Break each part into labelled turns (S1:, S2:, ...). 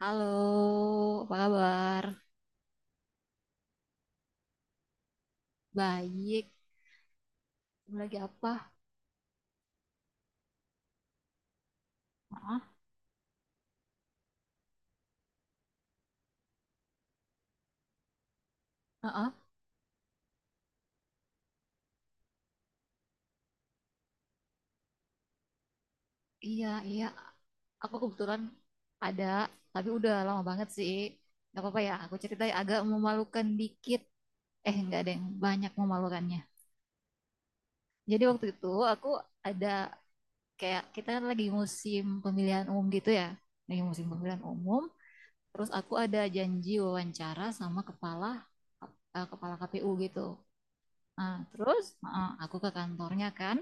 S1: Halo, apa kabar? Baik. Kamu lagi apa? Heeh, heeh. Iya, iya. Aku kebetulan ada, tapi udah lama banget sih. Gak apa-apa ya, aku cerita ya. Agak memalukan dikit. Eh, nggak ada yang banyak memalukannya. Jadi waktu itu aku ada kayak kita kan lagi musim pemilihan umum gitu ya. Lagi musim pemilihan umum. Terus aku ada janji wawancara sama kepala kepala KPU gitu. Nah, terus heeh, aku ke kantornya kan.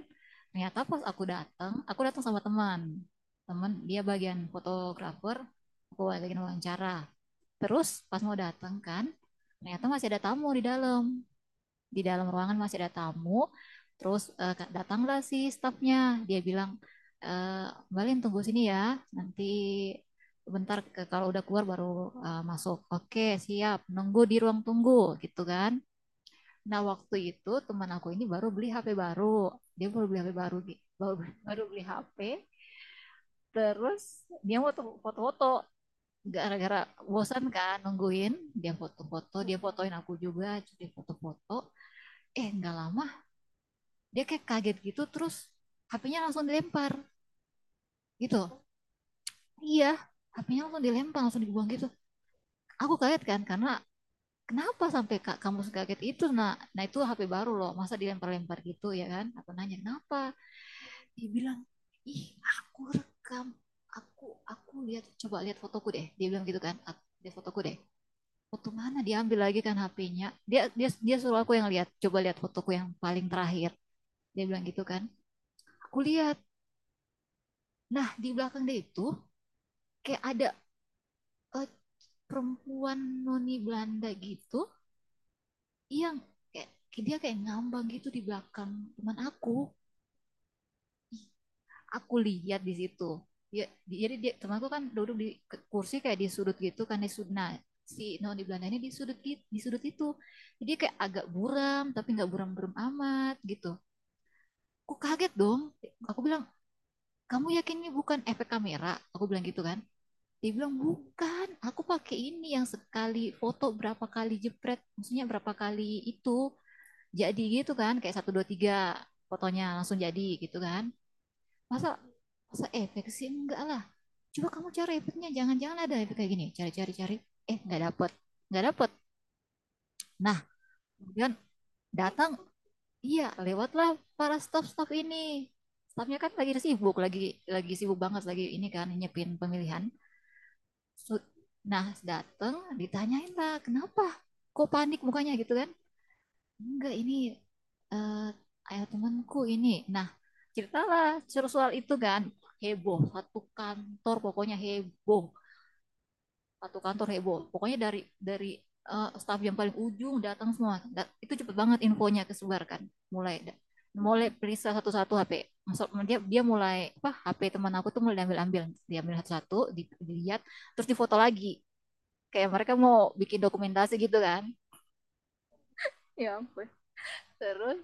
S1: Ternyata pas aku datang sama teman. Teman dia bagian fotografer, aku bagian wawancara. Terus pas mau datang kan, ternyata masih ada tamu di dalam. Di dalam ruangan masih ada tamu. Terus ka- datanglah si stafnya. Dia bilang, eh, Mbak Lin tunggu sini ya. Nanti bentar ke, kalau udah keluar baru masuk. Oke, siap. Nunggu di ruang tunggu gitu kan. Nah, waktu itu teman aku ini baru beli HP baru. Dia baru beli HP baru, Gi. Baru, baru beli HP. Terus dia mau foto-foto. Gara-gara bosan kan nungguin, dia foto-foto, dia fotoin aku juga, jadi foto-foto. Eh, nggak lama, dia kayak kaget gitu, terus HP-nya langsung dilempar gitu. Iya, HP-nya langsung dilempar, langsung dibuang gitu. Aku kaget kan, karena kenapa sampai kak kamu kaget itu nak, nah itu HP baru loh, masa dilempar-lempar gitu ya kan, aku nanya kenapa. Dia bilang ih, aku rekam, aku aku lihat, coba lihat fotoku deh, dia bilang gitu kan. Lihat fotoku deh, foto mana, dia ambil lagi kan HP-nya, dia dia dia suruh aku yang lihat, coba lihat fotoku yang paling terakhir, dia bilang gitu kan. Aku lihat, nah di belakang dia itu kayak ada eh, perempuan noni Belanda gitu, yang kayak dia kayak ngambang gitu di belakang teman aku. Aku lihat di situ ya, jadi dia temanku kan duduk di kursi kayak di sudut gitu kan, di sudut. Nah, si non di Belanda ini di sudut, di sudut itu, jadi kayak agak buram tapi nggak buram-buram amat gitu. Aku kaget dong. Aku bilang, kamu yakin ini bukan efek kamera, aku bilang gitu kan. Dia bilang bukan, aku pakai ini yang sekali foto berapa kali jepret, maksudnya berapa kali itu, jadi gitu kan kayak satu dua tiga, fotonya langsung jadi gitu kan. Masa, masa efek sih, enggak lah. Coba kamu cari efeknya, jangan-jangan ada efek kayak gini, cari-cari cari, eh nggak dapet, nggak dapet. Nah, kemudian datang, iya lewatlah para staff-staff ini. Staffnya kan lagi sibuk, lagi sibuk banget lagi, ini kan nyiapin pemilihan. So- nah datang, ditanyain lah kenapa, kok panik mukanya gitu kan. Enggak, ini eh ayah temanku ini. Nah, ceritalah suruh soal itu kan, heboh, satu kantor pokoknya heboh, satu kantor heboh. Pokoknya dari staf yang paling ujung datang semua. Da- itu cepet banget infonya kesebarkan. Mulai da- mulai periksa satu-satu HP. Maksud dia dia mulai apa, HP teman aku tuh mulai diambil-ambil, diambil satu-satu, di- dilihat, terus difoto lagi. Kayak mereka mau bikin dokumentasi gitu kan. Ya ampun. Terus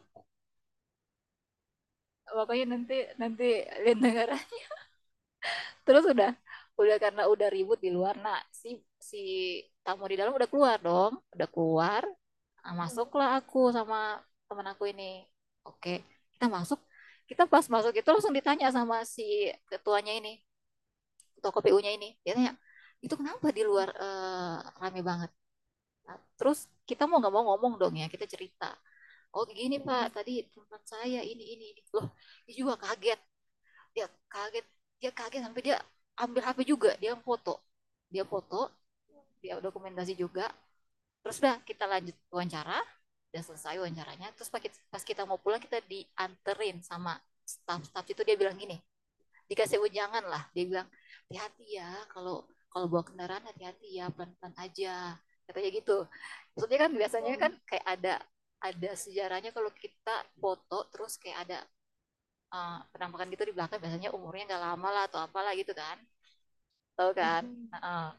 S1: pokoknya nanti, nanti lihat negara. Terus udah karena udah ribut di luar, nah si si tamu di dalam udah keluar dong, udah keluar. Nah, masuklah aku sama teman aku ini. Oke, kita masuk. Kita pas masuk itu langsung ditanya sama si ketuanya ini, ketua KPU-nya ini, dia tanya itu kenapa di luar rame banget. Nah, terus kita mau nggak mau ngomong dong ya, kita cerita, oh gini pak, tadi teman saya ini loh, dia juga kaget, dia kaget dia kaget sampai dia ambil HP juga, dia foto, dia foto dia dokumentasi juga. Terus udah kita lanjut wawancara, dan selesai wawancaranya. Terus pas kita mau pulang kita dianterin sama staff-staff itu, dia bilang gini, dikasih ujangan lah, dia bilang hati-hati ya, kalau kalau bawa kendaraan hati-hati ya, pelan-pelan aja, katanya gitu. Maksudnya kan biasanya kan kayak ada sejarahnya, kalau kita foto terus kayak ada penampakan gitu di belakang, biasanya umurnya nggak lama lah, atau apalah gitu kan, tahu kan. Hmm. Nah,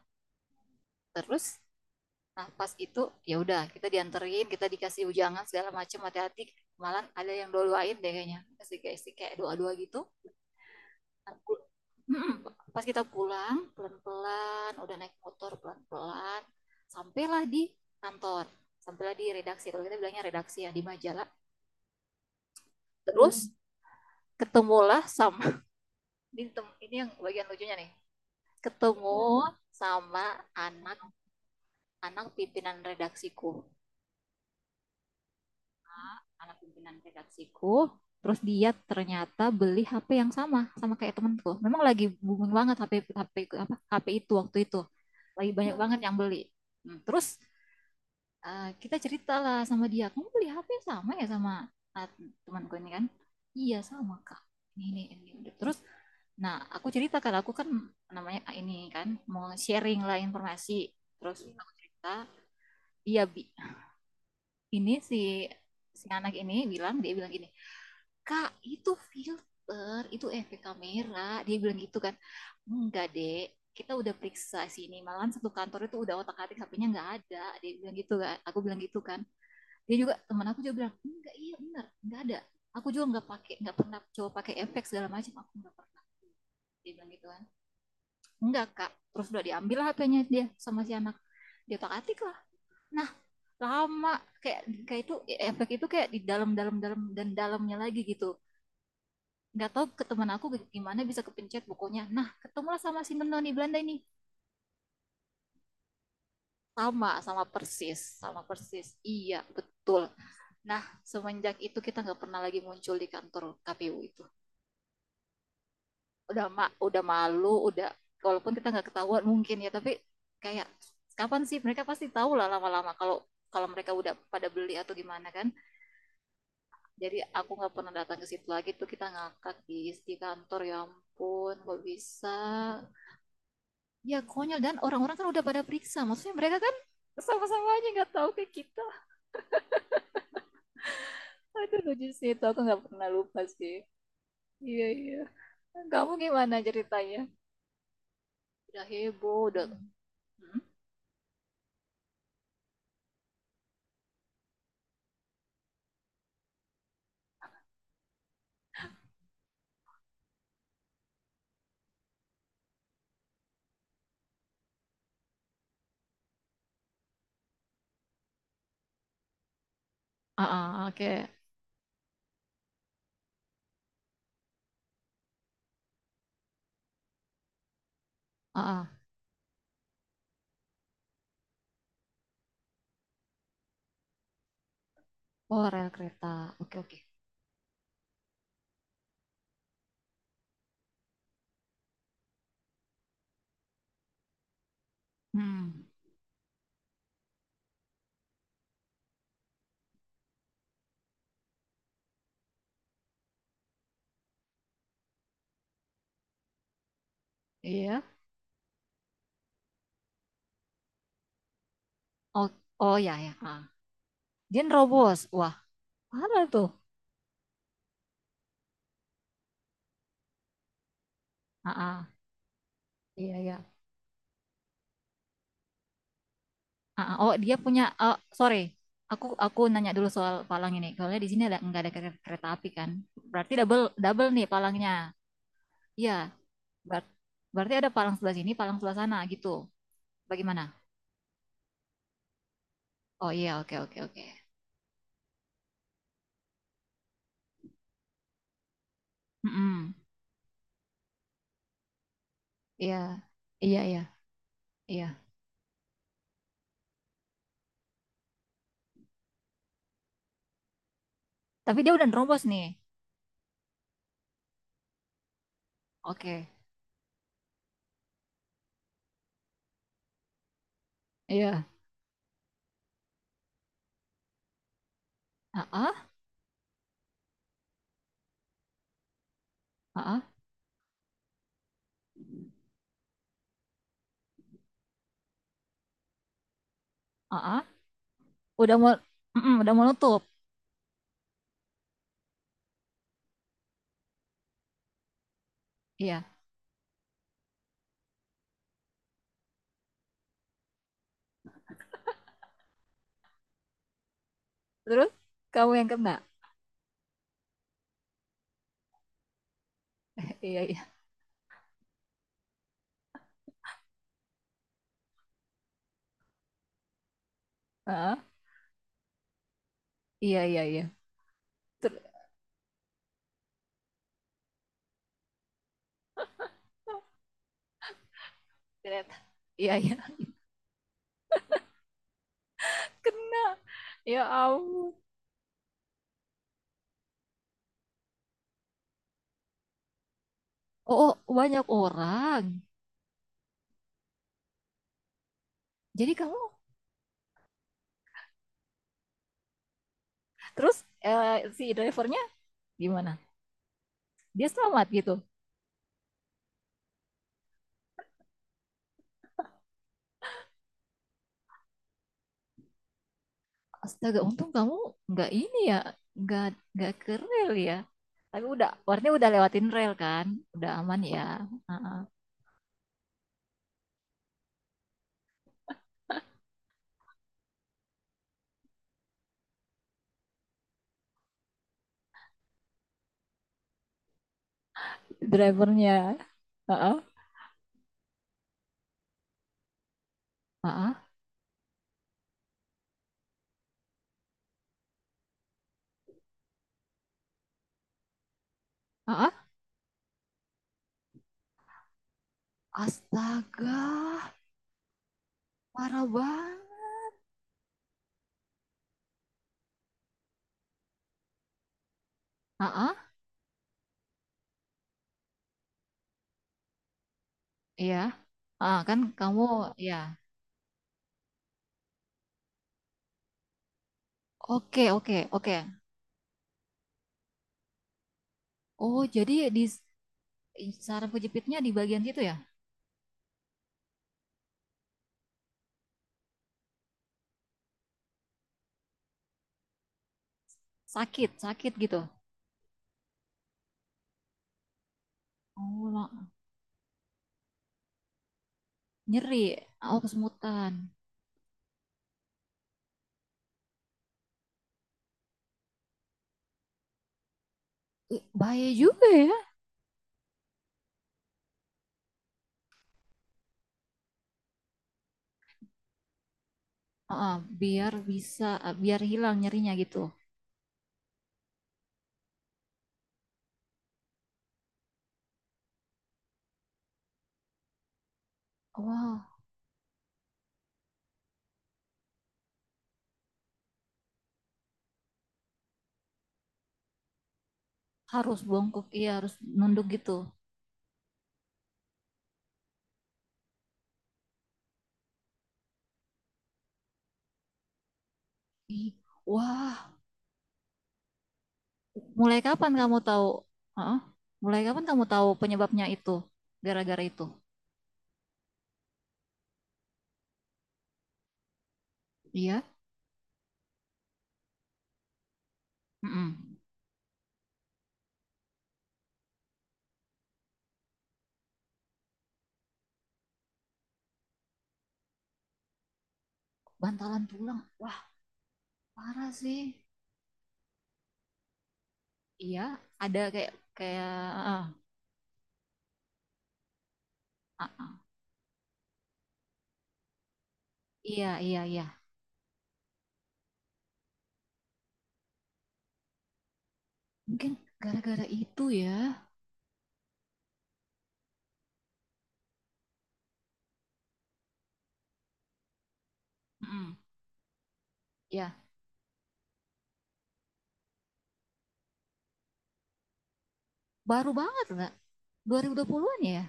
S1: terus nah pas itu ya udah, kita dianterin, kita dikasih ujangan segala macam, hati-hati, malah ada yang doain deh kayaknya, kasih kayak doa-doa gitu. Nah, pas kita pulang pelan-pelan, udah naik motor pelan-pelan, sampailah di kantor, sampailah di redaksi, kalau kita bilangnya redaksi ya, di majalah. Terus ketemulah sama di tem- ini yang bagian lucunya nih, ketemu sama anak-anak pimpinan redaksiku. Anak pimpinan redaksiku, terus dia ternyata beli HP yang sama, sama kayak temanku. Memang lagi booming banget HP, HP apa HP itu waktu itu. Lagi banyak banget yang beli. Hmm. Terus kita cerita lah sama dia, kamu beli HP sama ya sama ah, temanku ini kan? Iya sama kak. Ini ini, ini. Terus nah, aku cerita kan, aku kan namanya ini kan mau sharing lah informasi. Terus aku cerita, iya, Bi. Ini si si anak ini bilang, dia bilang gini, Kak, itu filter, itu efek kamera. Dia bilang gitu kan. Enggak, Dek. Kita udah periksa sini. Malahan satu kantor itu udah otak-atik HP-nya, nggak ada. Dia bilang gitu kan. Aku bilang gitu kan. Dia juga, teman aku juga bilang, enggak, iya benar, nggak ada. Aku juga nggak pakai, nggak pernah coba pakai efek segala macam. Aku nggak pernah. Dia bilang gitu kan. Enggak, Kak. Terus udah diambil HP-nya dia sama si anak. Dia otak-atik lah. Nah, lama kayak, kayak itu e, efek itu kayak di dalam dalam dalam dan dalamnya lagi gitu, nggak tahu ke teman aku gimana bisa kepencet bukunya. Nah ketemulah sama si menoni Belanda ini, sama sama persis, sama persis, iya betul. Nah, semenjak itu kita nggak pernah lagi muncul di kantor KPU itu. Udah ma udah malu udah, walaupun kita nggak ketahuan mungkin ya, tapi kayak kapan sih mereka pasti tahu lah lama-lama, kalau kalau mereka udah pada beli atau gimana kan. Jadi aku nggak pernah datang ke situ lagi, tuh kita ngakak di kantor, ya ampun nggak bisa. Ya konyol, dan orang-orang kan udah pada periksa, maksudnya mereka kan sama-sama aja nggak tahu ke kita. Aduh lucu sih itu, aku nggak pernah lupa sih. Iya, iya. Kamu gimana ceritanya? Udah heboh udah. Hmm? Ah ah, ah, oke. Ah ah. Oh rel kereta, oke oke. Hmm. Iya. Oh, oh ya ya ah. Dia nerobos, wah parah tuh. Ah ah. Iya, iya. Ah, ah. Oh dia punya eh sorry, aku nanya dulu soal Palang ini, soalnya di sini ada nggak ada kere- kereta api kan. Berarti double double nih Palangnya. Iya. Ber- berarti ada Palang sebelah sini Palang sebelah sana gitu, bagaimana? Oh iya, oke oke oke. Mm-mm. iya iya iya iya. Tapi dia udah nerobos nih. Oke. Iya. Ah ah. Ah ah. Ah, ah. Udah mau, mm-mm, udah mau nutup. Iya. Terus kamu yang kena. Iya, iya. Ah ah. Iya, iya. Ter- ternyata, iya, iya. Kena, ya ampun. Oh, oh, banyak orang. Jadi kamu, terus eh, si drivernya gimana, dia selamat gitu? Astaga, untung kamu nggak ini ya, nggak nggak ke rel ya. Tapi udah warnanya udah lewatin rel kan. Udah aman ya. Uh-uh. Drivernya. Heeh. Heeh. Heeh. Astaga, parah banget. Heeh, iya. Ah, kan kamu, ya. Oke, oke, oke. Oh, jadi di, saraf kejepitnya di bagian situ ya? Sakit, sakit gitu. Oh, nyeri. Oh, kesemutan. Eh, bahaya juga ya. Heeh, biar bisa, biar hilang nyerinya gitu. Wah, harus bongkok, iya harus nunduk gitu. Ih, wah, mulai kapan kamu tahu? Heeh, mulai kapan kamu tahu penyebabnya itu? Gara-gara itu? Iya. Mm-mm. Bantalan tulang. Wah, parah sih. Iya, ada kayak kayak. Ah, ah, ah. Iya, iya, iya. Mungkin gara-gara itu ya. Mm-mm. Ya, baru banget nggak? 2020 puluhan ya?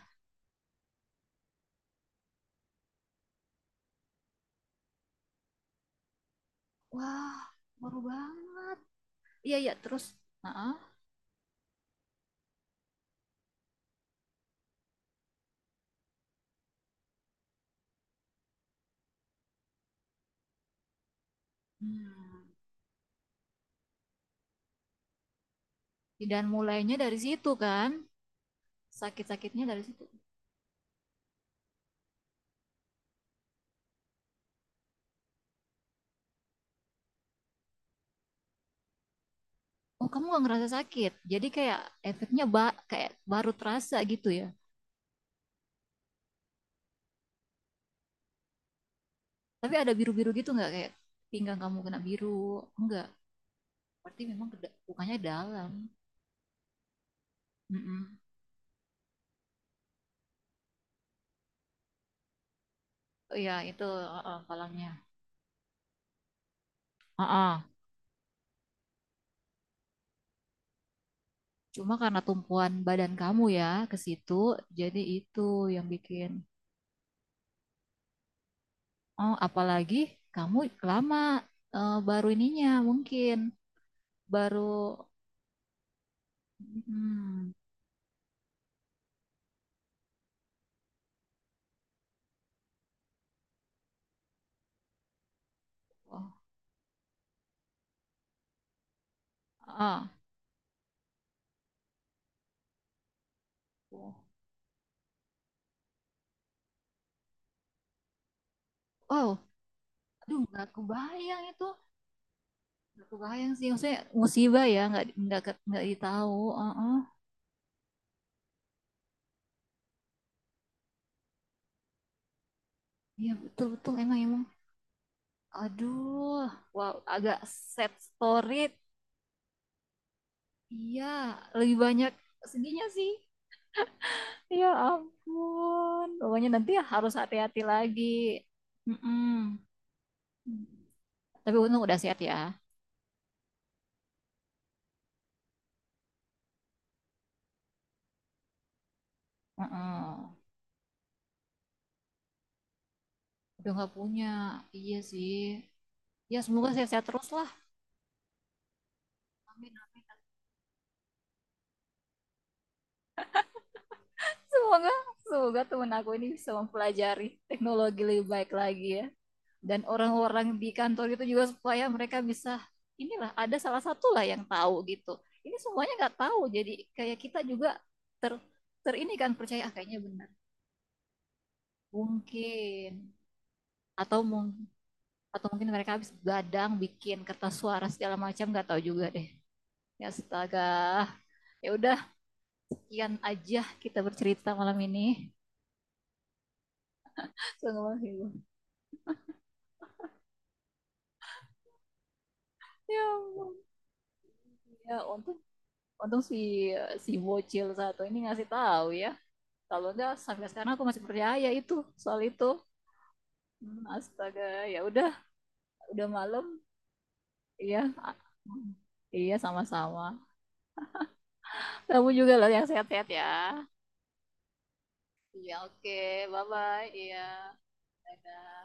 S1: Wah, baru banget. Iya, iya, terus. Heeh. Hmm. Dan mulainya dari situ kan. Sakit-sakitnya dari situ. Oh, kamu nggak ngerasa sakit. Jadi kayak efeknya ba, kayak baru terasa gitu ya. Tapi ada biru-biru gitu nggak? Kayak pinggang kamu kena biru. Enggak. Berarti memang keda- lukanya dalam. Mm-mm. Oh iya, itu palangnya. Heeh. Cuma karena tumpuan badan kamu ya ke situ, jadi itu yang bikin. Oh, apalagi kamu lama baru ininya mungkin baru. Hmm, oh, ah, oh, oh, aduh nggak kebayang itu, nggak kebayang sih, maksudnya musibah ya, nggak ke- nggak ditahu. Oh, oh. Iya betul betul emang emang. Aduh, wow agak sad story. Iya, lebih banyak sedihnya sih. Ya ampun. Pokoknya nanti ya harus hati-hati lagi. Mm-mm. Tapi untung udah sehat ya. Mm-mm. Udah nggak punya. Iya sih. Ya semoga sehat-sehat terus lah. Amin, amin. Semoga, semoga temen aku ini bisa mempelajari teknologi lebih baik lagi ya. Dan orang-orang di kantor itu juga supaya mereka bisa, inilah ada salah satu lah yang tahu gitu. Ini semuanya nggak tahu. Jadi kayak kita juga ter, ter ini kan percaya, ah, kayaknya benar. Mungkin. Atau mungkin, atau mungkin mereka habis gadang bikin kertas suara segala macam, nggak tahu juga deh. Ya astaga. Ya udah, sekian aja kita bercerita malam ini. Sungguh menghibur, ya ampun. Ya untung, untung si si bocil satu ini ngasih tahu ya, kalau enggak sampai sekarang aku masih percaya itu, soal itu. Hmm, astaga. Ya udah malam. Iya. Iya sama-sama. Kamu juga loh yang sehat-sehat ya. Iya oke. Bye bye, iya. Dadah.